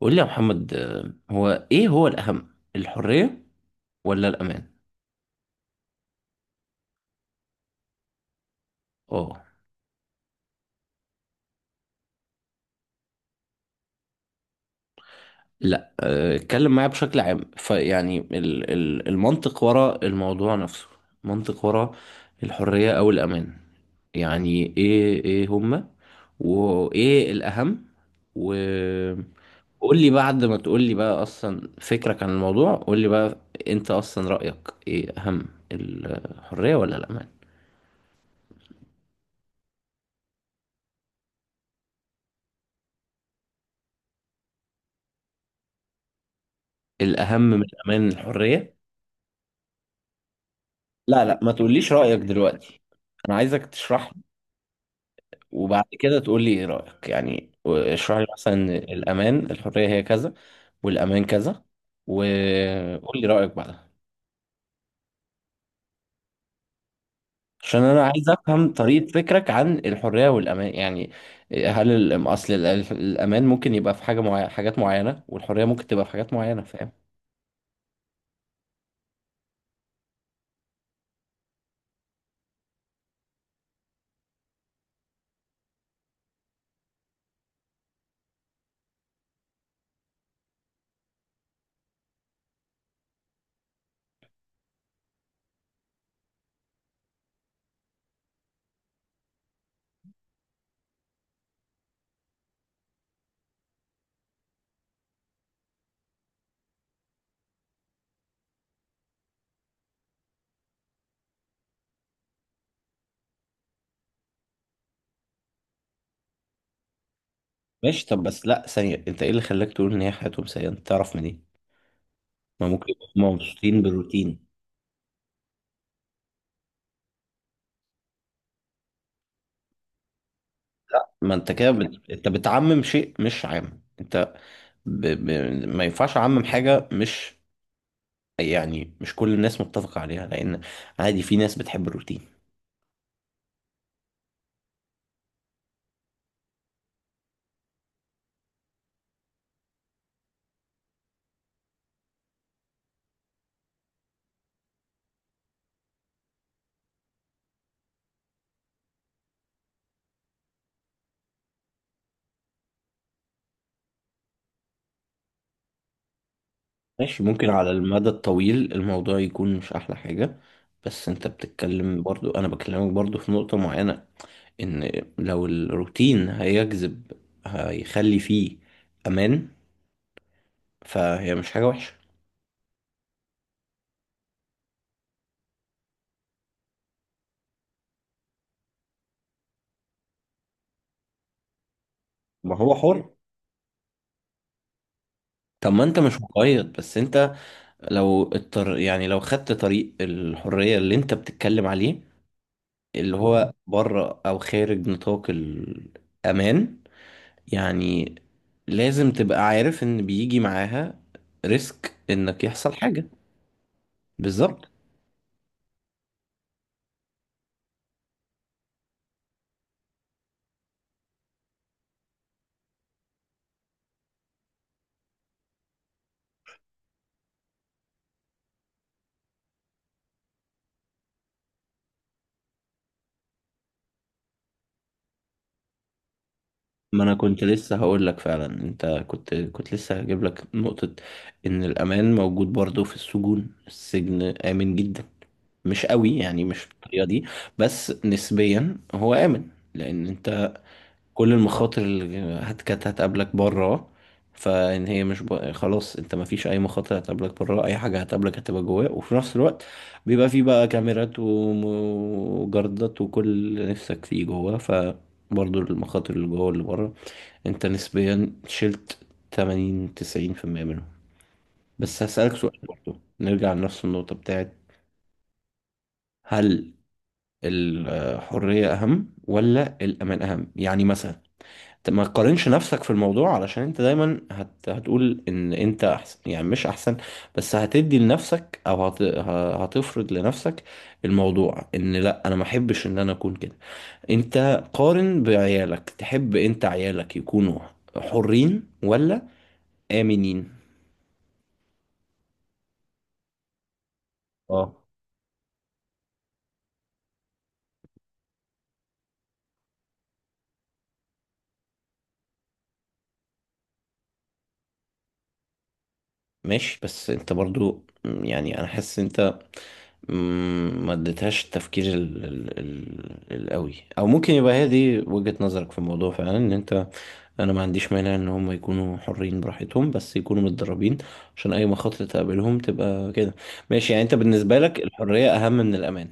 قول لي يا محمد، هو ايه هو الاهم، الحرية ولا الامان؟ اه. لا، اتكلم معايا بشكل عام، فيعني المنطق وراء الموضوع نفسه، منطق وراء الحرية او الامان. يعني ايه هما، وايه الاهم؟ و قول لي بعد ما تقول لي بقى اصلا فكرك عن الموضوع، قول لي بقى، انت اصلا رأيك ايه، اهم الحرية ولا الامان؟ الاهم من الامان الحرية؟ لا، لا، ما تقوليش رأيك دلوقتي، انا عايزك تشرح لي، وبعد كده تقول لي ايه رأيك، يعني اشرح لي مثلا إن الامان، الحرية هي كذا والامان كذا، وقول لي رأيك بعدها. عشان انا عايز افهم طريقة فكرك عن الحرية والامان يعني، هل اصل الامان ممكن يبقى في حاجة معينة، حاجات معينة، والحرية ممكن تبقى في حاجات معينة، فاهم؟ ماشي، طب بس لا، ثانية، انت ايه اللي خلاك تقول ان هي حياتهم سيئة؟ انت تعرف منين؟ ما ممكن يبقوا هما مبسوطين بالروتين. ما انت كده انت بتعمم شيء مش عام، انت ب... ب... ما ينفعش اعمم حاجه مش، يعني مش كل الناس متفقه عليها، لان عادي في ناس بتحب الروتين. ماشي، ممكن على المدى الطويل الموضوع يكون مش احلى حاجه، بس انت بتتكلم برضو، انا بكلمك برضو في نقطه معينه، ان لو الروتين هيجذب، هيخلي فيه امان، فهي مش حاجه وحشه. ما هو حر. طب ما انت مش مقيد، بس انت لو يعني لو خدت طريق الحرية اللي انت بتتكلم عليه، اللي هو بره او خارج نطاق الامان، يعني لازم تبقى عارف ان بيجي معاها ريسك انك يحصل حاجة. بالظبط. ما انا كنت لسه هقول لك فعلا، انت كنت لسه هجيب لك نقطة، ان الامان موجود برضه في السجون، السجن امن جدا، مش قوي يعني مش بالطريقة دي، بس نسبيا هو آمن. لأن أنت، كل المخاطر اللي كانت هتقابلك بره، فان هي مش خلاص انت ما فيش اي مخاطر هتقابلك بره، اي حاجه هتقابلك هتبقى جواه، وفي نفس الوقت بيبقى فيه بقى كاميرات وجردات وكل اللي نفسك فيه جواه، فبرضه المخاطر اللي جوه واللي بره انت نسبيا شلت 80 90% منهم. بس هسألك سؤال برضه، نرجع لنفس النقطة بتاعت هل الحرية أهم ولا الأمان أهم؟ يعني مثلا، ما تقارنش نفسك في الموضوع علشان انت دايما هتقول ان انت احسن، يعني مش احسن، بس هتدي لنفسك، او هتفرض لنفسك الموضوع، ان لا انا ما احبش ان انا اكون كده. انت قارن بعيالك، تحب انت عيالك يكونوا حرين ولا آمنين؟ اه. ماشي، بس انت برضو يعني انا حاسس انت م، ما اديتهاش التفكير القوي، او ممكن يبقى هي دي وجهة نظرك في الموضوع فعلا، ان انت، انا ما عنديش مانع ان هم يكونوا حرين براحتهم، بس يكونوا متدربين عشان اي مخاطر تقابلهم تبقى كده. ماشي، يعني انت بالنسبة لك الحرية اهم من الامان.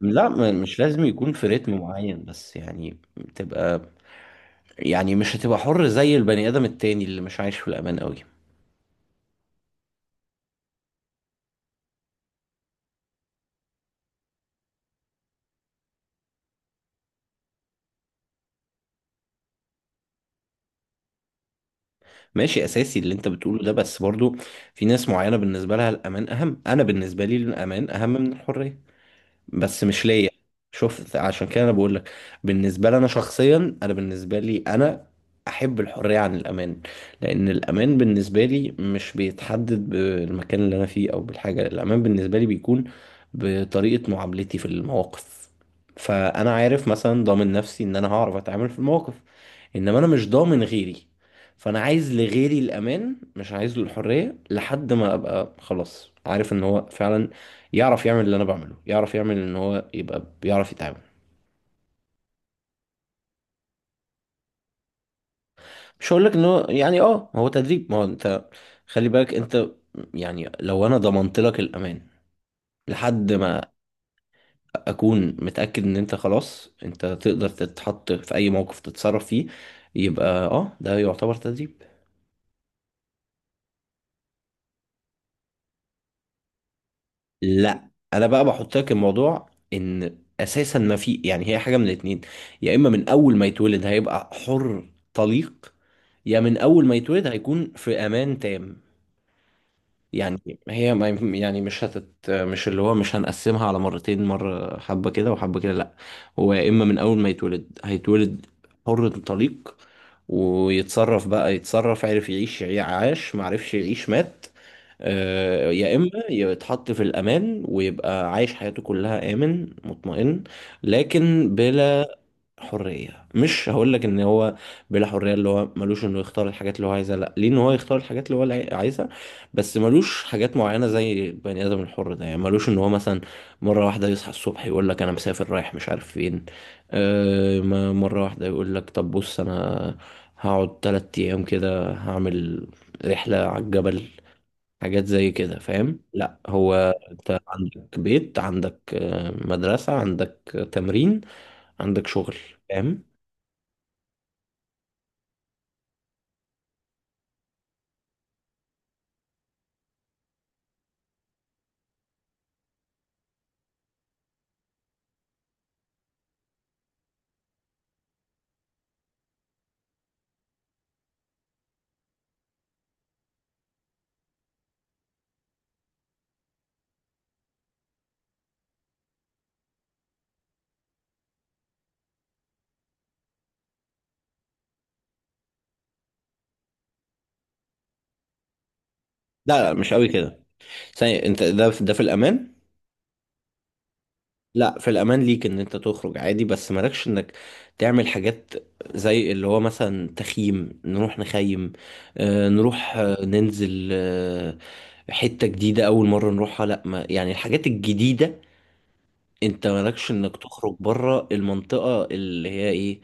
لا، مش لازم يكون في رتم معين، بس يعني تبقى، يعني مش هتبقى حر زي البني ادم التاني اللي مش عايش في الامان قوي. ماشي، اساسي اللي انت بتقوله ده، بس برضو في ناس معينة بالنسبة لها الامان اهم، انا بالنسبة لي الامان اهم من الحرية، بس مش ليا. شوف، عشان كده انا بقول لك، بالنسبه لي انا شخصيا، انا بالنسبه لي انا احب الحريه عن الامان، لان الامان بالنسبه لي مش بيتحدد بالمكان اللي انا فيه او بالحاجه، الامان بالنسبه لي بيكون بطريقه معاملتي في المواقف. فانا عارف مثلا ضامن نفسي ان انا هعرف اتعامل في المواقف، انما انا مش ضامن غيري، فانا عايز لغيري الامان مش عايز له الحريه لحد ما ابقى خلاص عارف ان هو فعلا يعرف يعمل اللي انا بعمله، يعرف يعمل ان هو يبقى بيعرف يتعامل. مش هقول لك ان هو يعني اه هو تدريب، ما هو انت، خلي بالك انت، يعني لو انا ضمنت لك الامان لحد ما اكون متاكد ان انت خلاص انت تقدر تتحط في اي موقف تتصرف فيه، يبقى اه ده يعتبر تدريب. لا، انا بقى بحط لك الموضوع ان اساسا ما في، يعني هي حاجه من الاتنين، يا اما من اول ما يتولد هيبقى حر طليق، يا من اول ما يتولد هيكون في امان تام. يعني هي ما ينف- يعني مش اللي هو مش هنقسمها على مرتين، مرة حبة كده وحبة كده، لأ. هو يا إما من أول ما يتولد هيتولد حر طليق، ويتصرف بقى، يتصرف، عرف يعيش عاش، معرفش يعيش مات، يا إما يتحط في الأمان ويبقى عايش حياته كلها آمن مطمئن، لكن بلا حرية. مش هقول لك ان هو بلا حرية اللي هو ملوش انه يختار الحاجات اللي هو عايزها، لا، ليه ان هو يختار الحاجات اللي هو اللي عايزها، بس ملوش حاجات معينة زي بني ادم الحر ده، يعني ملوش ان هو مثلا مرة واحدة يصحى الصبح يقول لك انا مسافر رايح مش عارف فين، مرة واحدة يقول لك طب بص، انا هقعد 3 ايام كده هعمل رحلة على الجبل، حاجات زي كده، فاهم؟ لا، هو انت عندك بيت، عندك مدرسة، عندك تمرين، عندك شغل، فاهم؟ لا، لا، مش قوي كده، ثانية، انت ده في الامان. لا، في الامان ليك ان انت تخرج عادي، بس مالكش انك تعمل حاجات زي اللي هو مثلا تخييم، نروح نخيم، نروح ننزل حتة جديدة اول مرة نروحها، لا ما يعني الحاجات الجديدة، انت مالكش انك تخرج بره المنطقة اللي هي ايه،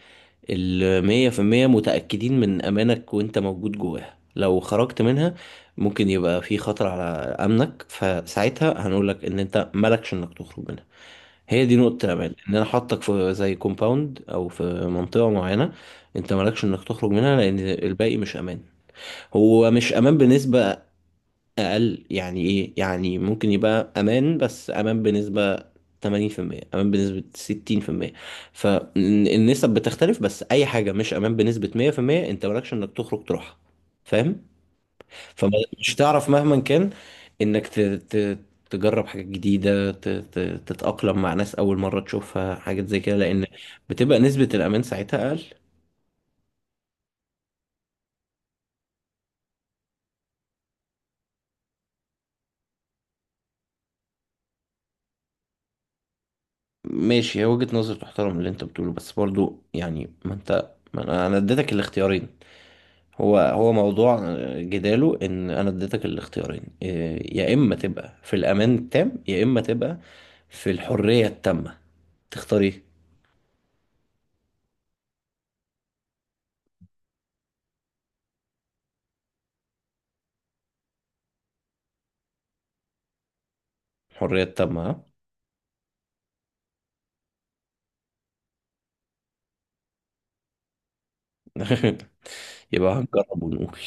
اللي 100% متأكدين من أمانك وانت موجود جواها، لو خرجت منها ممكن يبقى في خطر على أمنك، فساعتها هنقولك ان انت مالكش انك تخرج منها. هي دي نقطة الأمان، ان انا حاطك في زي كومباوند او في منطقة معينة، انت مالكش انك تخرج منها لان الباقي مش امان، هو مش امان بالنسبة اقل، يعني ايه، يعني ممكن يبقى امان بس امان بنسبة 80%، امان بنسبة 60%، فالنسب بتختلف، بس اي حاجة مش امان بنسبة 100% انت مالكش انك تخرج تروحها، فاهم؟ فمش تعرف مهما كان انك تجرب حاجات جديدة، تتأقلم مع ناس أول مرة تشوفها، حاجات زي كده، لأن بتبقى نسبة الأمان ساعتها أقل. ماشي، هي وجهة نظر تحترم اللي أنت بتقوله، بس برضو يعني ما أنت، ما أنا اديتك الاختيارين، هو موضوع جداله، ان انا اديتك الاختيارين إيه، يا اما تبقى في الامان التام، يا اما تبقى في الحرية التامة، تختار ايه؟ الحرية التامة، ها؟ يبقى هنجرب ونقول.